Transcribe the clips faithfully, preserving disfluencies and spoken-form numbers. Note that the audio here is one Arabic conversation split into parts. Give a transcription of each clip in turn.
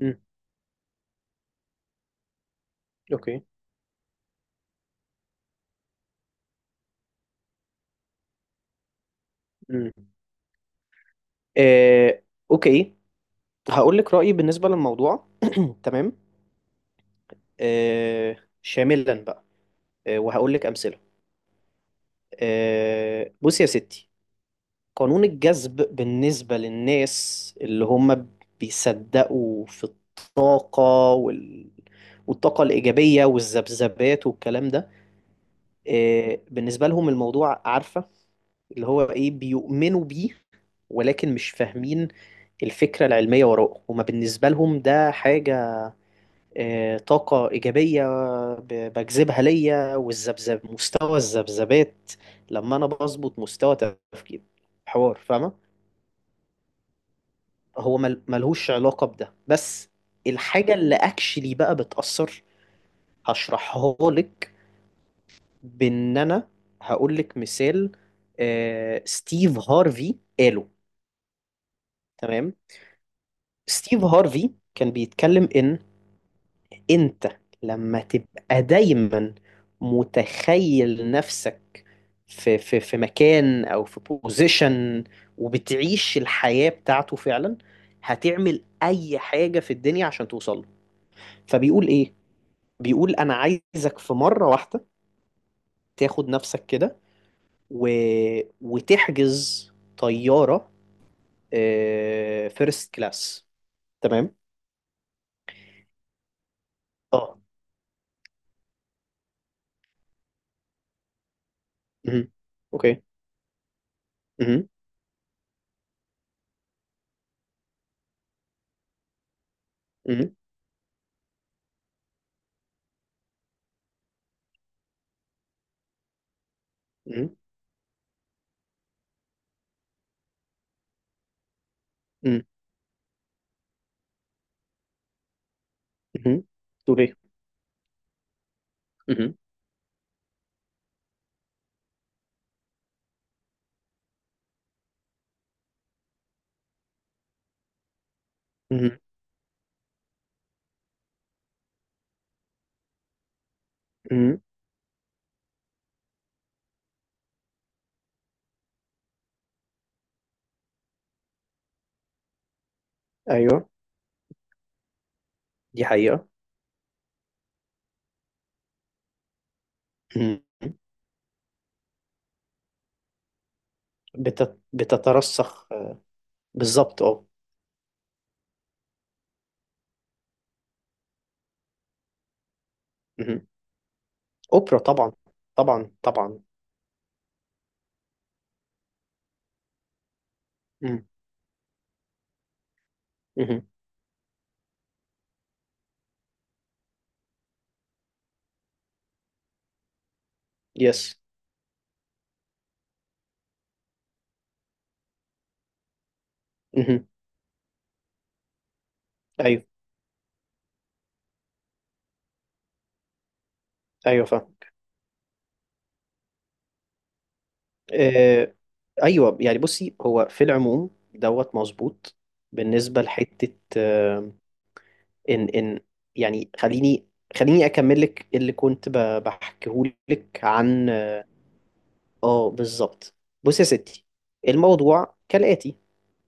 مم. اوكي. مم. آه، اوكي، هقول لك رأيي بالنسبة للموضوع تمام. آه، شاملا بقى. آه، وهقول لك أمثلة. آه، بصي يا ستي. قانون الجذب بالنسبة للناس اللي هم بيصدقوا في الطاقة وال... والطاقة الإيجابية والذبذبات والكلام ده. آه، بالنسبة لهم الموضوع، عارفة اللي هو ايه، بيؤمنوا بيه، ولكن مش فاهمين الفكرة العلمية وراءه. هما بالنسبة لهم ده حاجة، آه، طاقة إيجابية ب- بجذبها ليا، والذبذب، مستوى الذبذبات، لما أنا بظبط مستوى تفكير، حوار، فاهمة. هو مل- ملهوش علاقة بده. بس الحاجة اللي أكشلي بقى بتأثر، هشرحها لك، بإن أنا هقول لك مثال. آه، ستيف هارفي قاله. تمام. ستيف هارفي كان بيتكلم ان انت لما تبقى دايما متخيل نفسك في في في مكان او في بوزيشن، وبتعيش الحياة بتاعته فعلا، هتعمل اي حاجة في الدنيا عشان توصل له. فبيقول ايه؟ بيقول انا عايزك في مرة واحدة تاخد نفسك كده و... وتحجز طيارة فيرست كلاس. تمام. اه. مهم. اوكي. مهم. مهم. مم. مم. مم. توريه. مم. مم. مم. ايوه، دي حقيقة. مم. بتت... بتترسخ. بالظبط، اه. مم. اوبرا، طبعا. طبعا طبعا. مم. مم. يس. مم. ايوه ايوه، فاهم. آه، ايوه يعني، بصي، هو في العموم دوت مظبوط. بالنسبة لحتة، آه، ان ان يعني، خليني خليني اكمل لك اللي كنت بحكيه لك عن. اه، بالظبط. بص يا ستي، الموضوع كالآتي: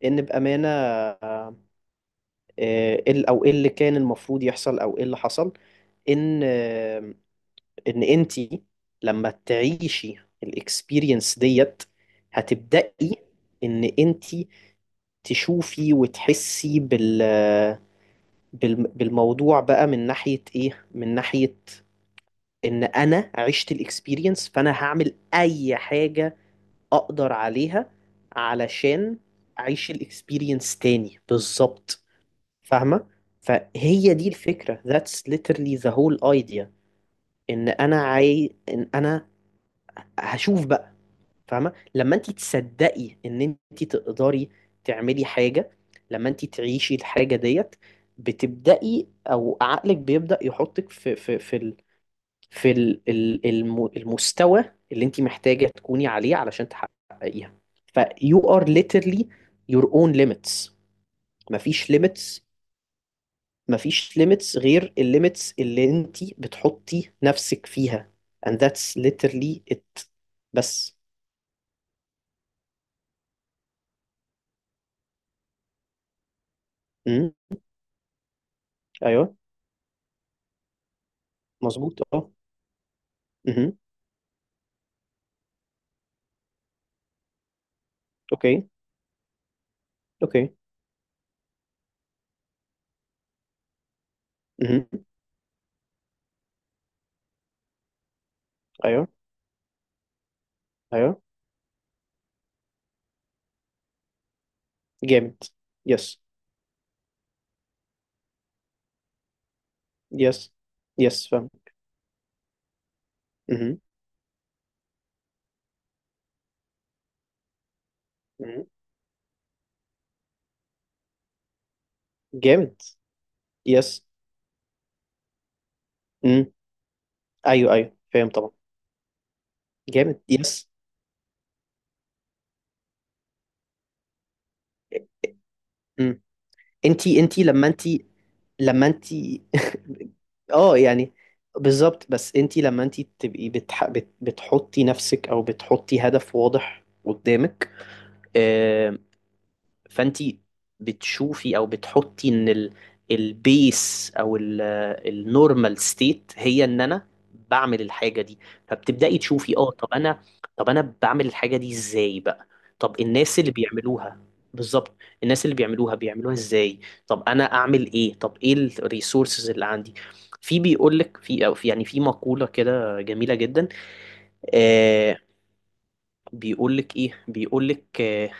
ان بأمانة، آه، ال- او ايه اللي كان المفروض يحصل، او ايه اللي حصل، ان آه، ان انتي لما تعيشي الاكسبيرينس ديت، هتبدأي ان انتي تشوفي وتحسي بال بال- بالموضوع بقى، من ناحية ايه، من ناحية ان انا عشت الاكسبيرينس، فانا هعمل اي حاجة اقدر عليها علشان اعيش الاكسبيرينس تاني. بالظبط. فاهمة؟ فهي دي الفكرة. That's literally the whole idea. ان انا عاي... ان انا هشوف بقى. فاهمة، لما انت تصدقي ان انت تقدري تعملي حاجة، لما انت تعيشي الحاجة ديت، بتبدأي، او عقلك بيبدأ يحطك في في في ال... في ال- ال- الم- المستوى اللي انت محتاجة تكوني عليه علشان تحققيها. ف you are literally your own limits. مفيش limits مفيش limits غير الليميتس اللي انت بتحطي نفسك فيها. And that's literally it. بس. امم. ايوه، مظبوط، اه. امم. اوكي اوكي. امم. ايوه ايوه. جامد، يس يس يس، فاهم. امم. جامد، يس. ايوه ايوه، فاهم، طبعا. جامد، يس. امم. انتي انتي لما انتي لما انتي اه يعني، بالظبط. بس انتي لما انتي تبقي بتح... بت... بتحطي نفسك، او بتحطي هدف واضح قدامك، فانت بتشوفي او بتحطي ان ال البيس او النورمال ستيت هي ان انا بعمل الحاجه دي. فبتبداي تشوفي، اه، طب انا طب انا بعمل الحاجه دي ازاي بقى؟ طب الناس اللي بيعملوها، بالظبط. الناس اللي بيعملوها بيعملوها ازاي؟ طب انا اعمل ايه؟ طب ايه الريسورسز اللي عندي؟ في بيقول لك، في او في يعني في مقوله كده جميله جدا. آه، بيقول لك ايه، بيقول لك آه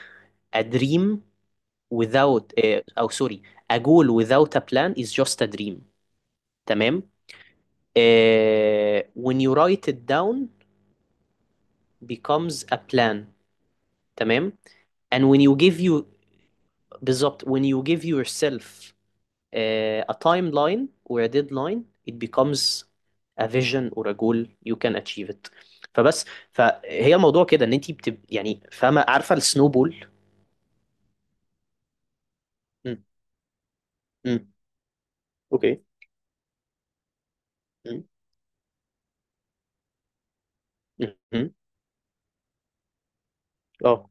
A dream without آه، أو سوري، a goal without a plan is just a dream. تمام. آه، When you write it down becomes a plan. تمام. And when you give you، بالظبط، when you give yourself آه، a timeline or a deadline it becomes a vision or a goal you can achieve it. فبس. فهي الموضوع كده ان انت بتب يعني، فاهمه، عارفه السنوبول. امم. اوكي. مم. مم. اه.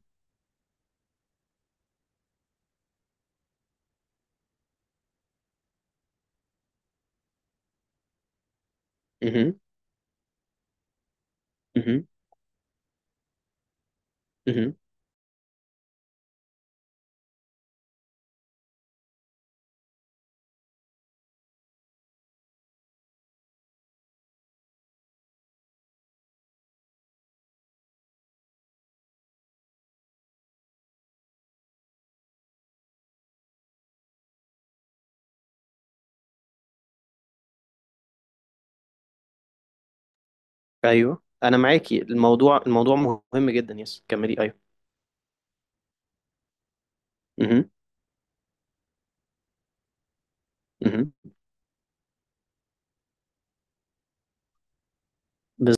مم. مم. مم. ايوه، انا معاكي. الموضوع الموضوع مهم جدا. يس، كملي. ايوه. مهم. مهم. بز-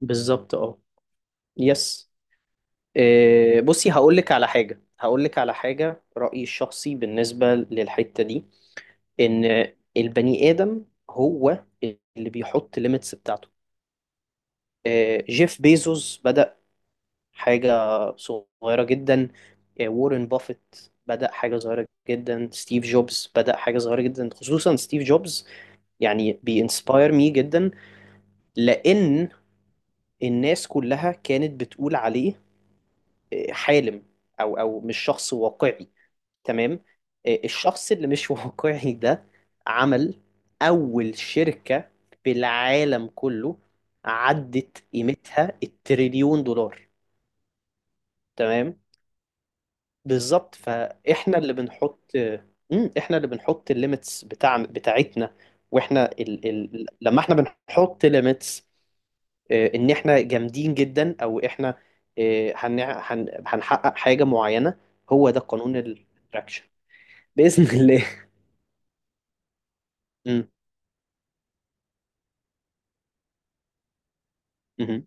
بالظبط، اه. يس. إيه، بصي، هقول لك على حاجه، هقول لك على حاجه رايي الشخصي بالنسبه للحته دي. ان البني ادم هو اللي بيحط ليميتس بتاعته. إيه، جيف بيزوس بدا حاجه صغيره جدا. إيه، وارن بافيت بدأ حاجة صغيرة جدا. ستيف جوبز بدأ حاجة صغيرة جدا. خصوصا ستيف جوبز، يعني بينسباير مي جدا، لأن الناس كلها كانت بتقول عليه آه، حالم، أو أو مش شخص واقعي. تمام. آه، الشخص اللي مش واقعي ده عمل أول شركة في العالم كله عدت قيمتها التريليون دولار. تمام. بالظبط. فإحنا اللي بنحط مم، إحنا اللي بنحط الليميتس بتاع بتاعتنا. واحنا ال... ال... لما احنا بنحط limits، آه، ان احنا جامدين جدا، او احنا آه، هنع- هن- هنحقق حاجة معينة. هو ده قانون الاتراكشن بإذن الله مم. مم.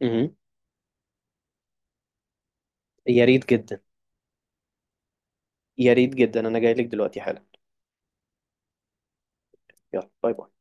مم. يا ريت جدا. يا ريت جدا، انا جاي لك دلوقتي حالا. يلا، باي باي.